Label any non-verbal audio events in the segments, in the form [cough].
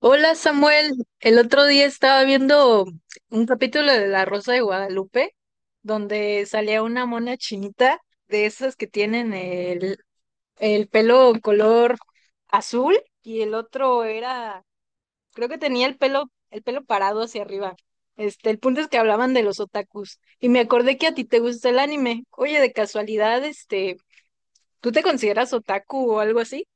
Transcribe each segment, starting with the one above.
Hola Samuel, el otro día estaba viendo un capítulo de La Rosa de Guadalupe donde salía una mona chinita de esas que tienen el pelo color azul y el otro era, creo que tenía el pelo parado hacia arriba. El punto es que hablaban de los otakus y me acordé que a ti te gusta el anime. Oye, de casualidad, ¿tú te consideras otaku o algo así?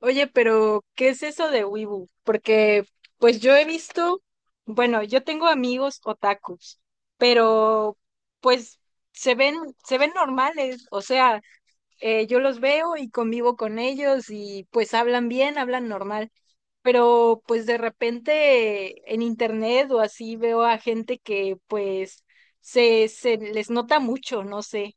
Oye, pero ¿qué es eso de Wibu? Porque pues yo he visto, bueno, yo tengo amigos otakus, pero pues se ven, se ven normales, o sea, yo los veo y convivo con ellos y pues hablan bien, hablan normal, pero pues de repente en internet o así veo a gente que pues se les nota mucho, no sé.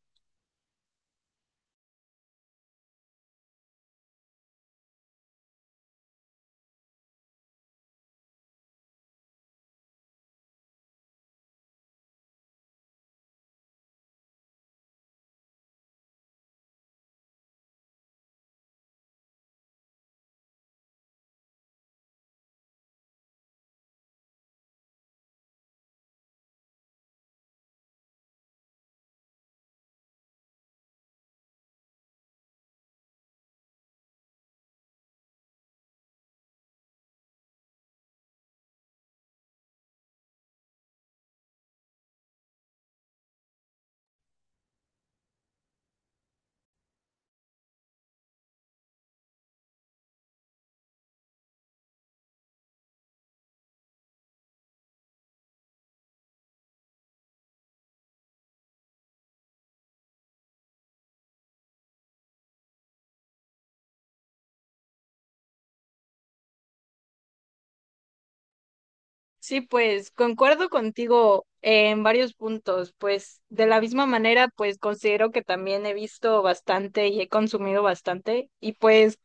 Sí, pues concuerdo contigo en varios puntos, pues de la misma manera, pues considero que también he visto bastante y he consumido bastante y pues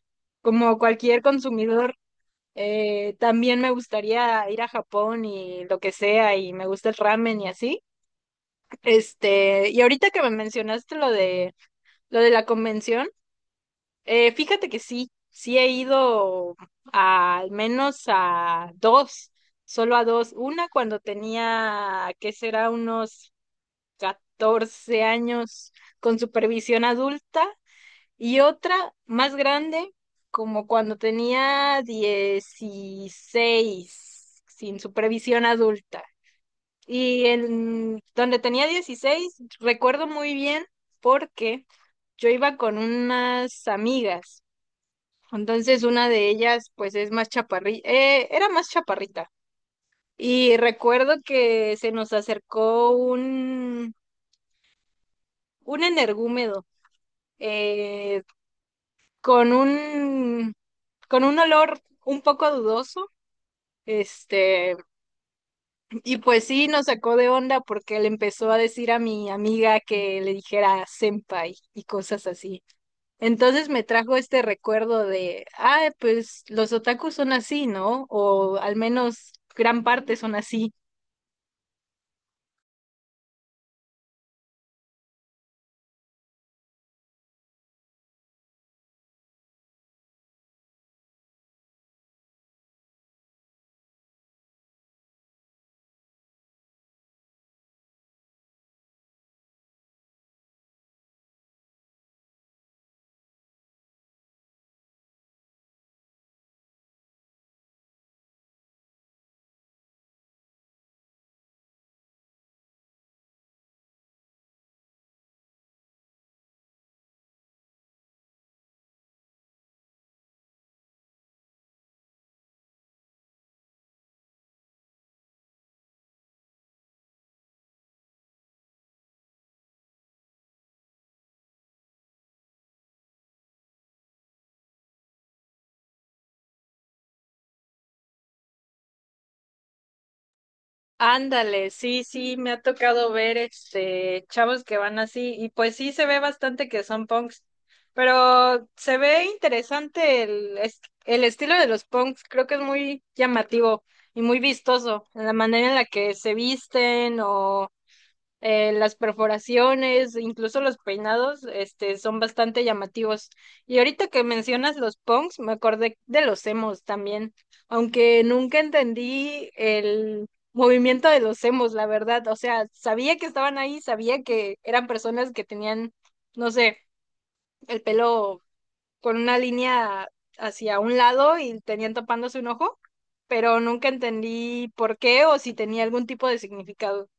como cualquier consumidor, también me gustaría ir a Japón y lo que sea y me gusta el ramen y así. Y ahorita que me mencionaste lo de la convención, fíjate que sí, sí he ido al menos a dos, solo a dos. Una cuando tenía, ¿qué será? Unos 14 años con supervisión adulta y otra más grande, como cuando tenía 16 sin supervisión adulta. Y en donde tenía 16 recuerdo muy bien porque yo iba con unas amigas. Entonces una de ellas pues es más chaparrita, era más chaparrita. Y recuerdo que se nos acercó un energúmedo eh, con con un olor un poco dudoso. Este, y pues sí, nos sacó de onda porque le empezó a decir a mi amiga que le dijera senpai y cosas así. Entonces me trajo este recuerdo de, ah, pues los otakus son así, ¿no? O al menos gran parte son así. Ándale, sí, sí, me ha tocado ver este chavos que van así y pues sí se ve bastante que son punks, pero se ve interesante el estilo de los punks, creo que es muy llamativo y muy vistoso, la manera en la que se visten las perforaciones, incluso los peinados, son bastante llamativos. Y ahorita que mencionas los punks, me acordé de los emos también, aunque nunca entendí el movimiento de los emos, la verdad. O sea, sabía que estaban ahí, sabía que eran personas que tenían, no sé, el pelo con una línea hacia un lado y tenían tapándose un ojo, pero nunca entendí por qué o si tenía algún tipo de significado.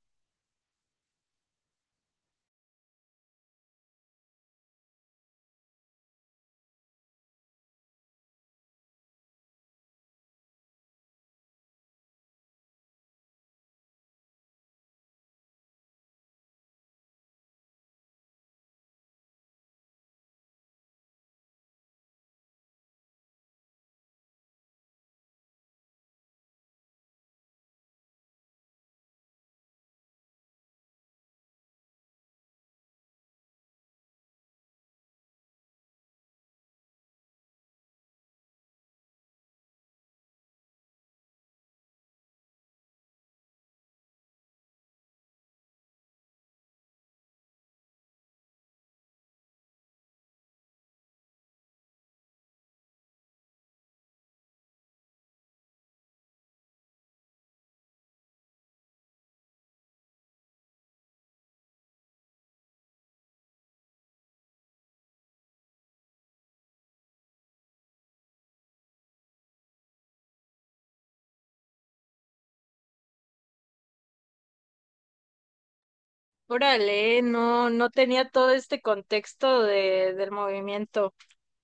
Órale, no, no tenía todo este contexto de, del movimiento.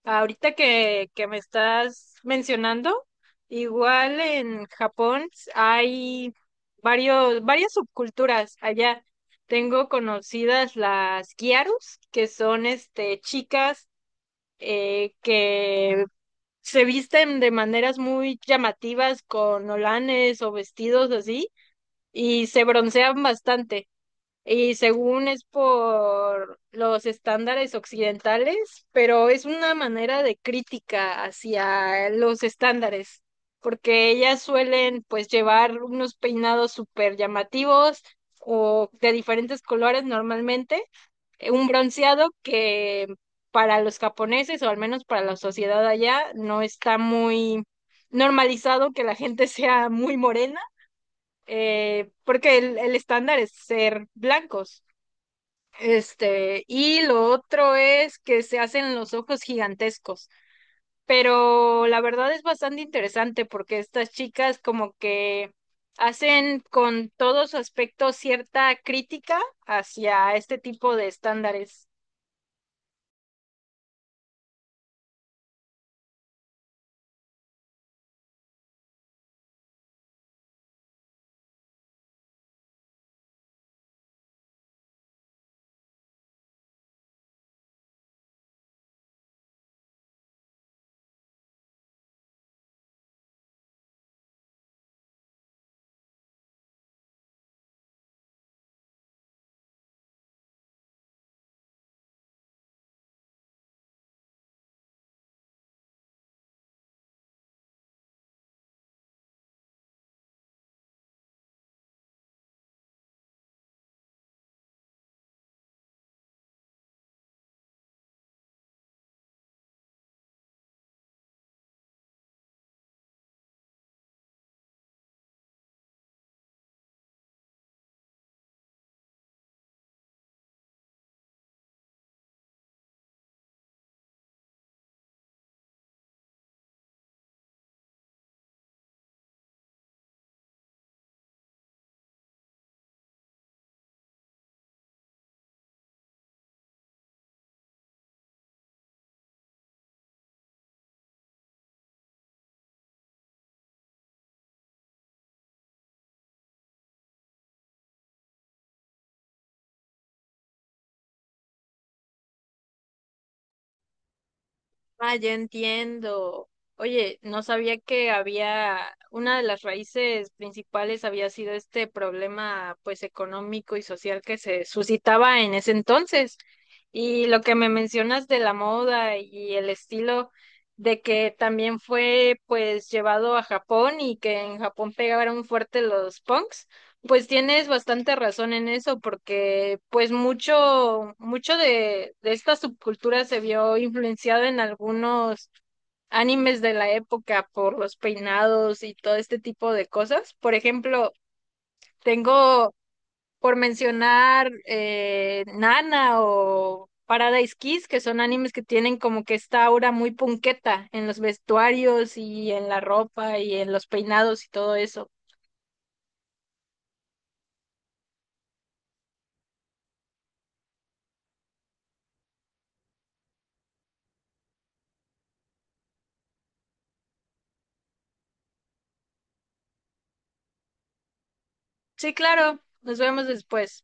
Ahorita que me estás mencionando, igual en Japón hay varias subculturas allá. Tengo conocidas las gyarus, que son este chicas que se visten de maneras muy llamativas con olanes o vestidos así, y se broncean bastante y según es por los estándares occidentales, pero es una manera de crítica hacia los estándares, porque ellas suelen pues llevar unos peinados súper llamativos o de diferentes colores normalmente, un bronceado que para los japoneses o al menos para la sociedad allá no está muy normalizado que la gente [laughs] sea muy morena, porque el estándar es ser blancos. Y lo otro es que se hacen los ojos gigantescos, pero la verdad es bastante interesante porque estas chicas como que hacen con todo su aspecto cierta crítica hacia este tipo de estándares. Ah, ya entiendo. Oye, no sabía que había, una de las raíces principales había sido este problema, pues, económico y social que se suscitaba en ese entonces. Y lo que me mencionas de la moda y el estilo, de que también fue, pues, llevado a Japón y que en Japón pegaron fuerte los punks. Pues tienes bastante razón en eso, porque pues mucho de esta subcultura se vio influenciado en algunos animes de la época por los peinados y todo este tipo de cosas. Por ejemplo, tengo por mencionar Nana o Paradise Kiss, que son animes que tienen como que esta aura muy punqueta en los vestuarios y en la ropa y en los peinados y todo eso. Sí, claro, nos vemos después.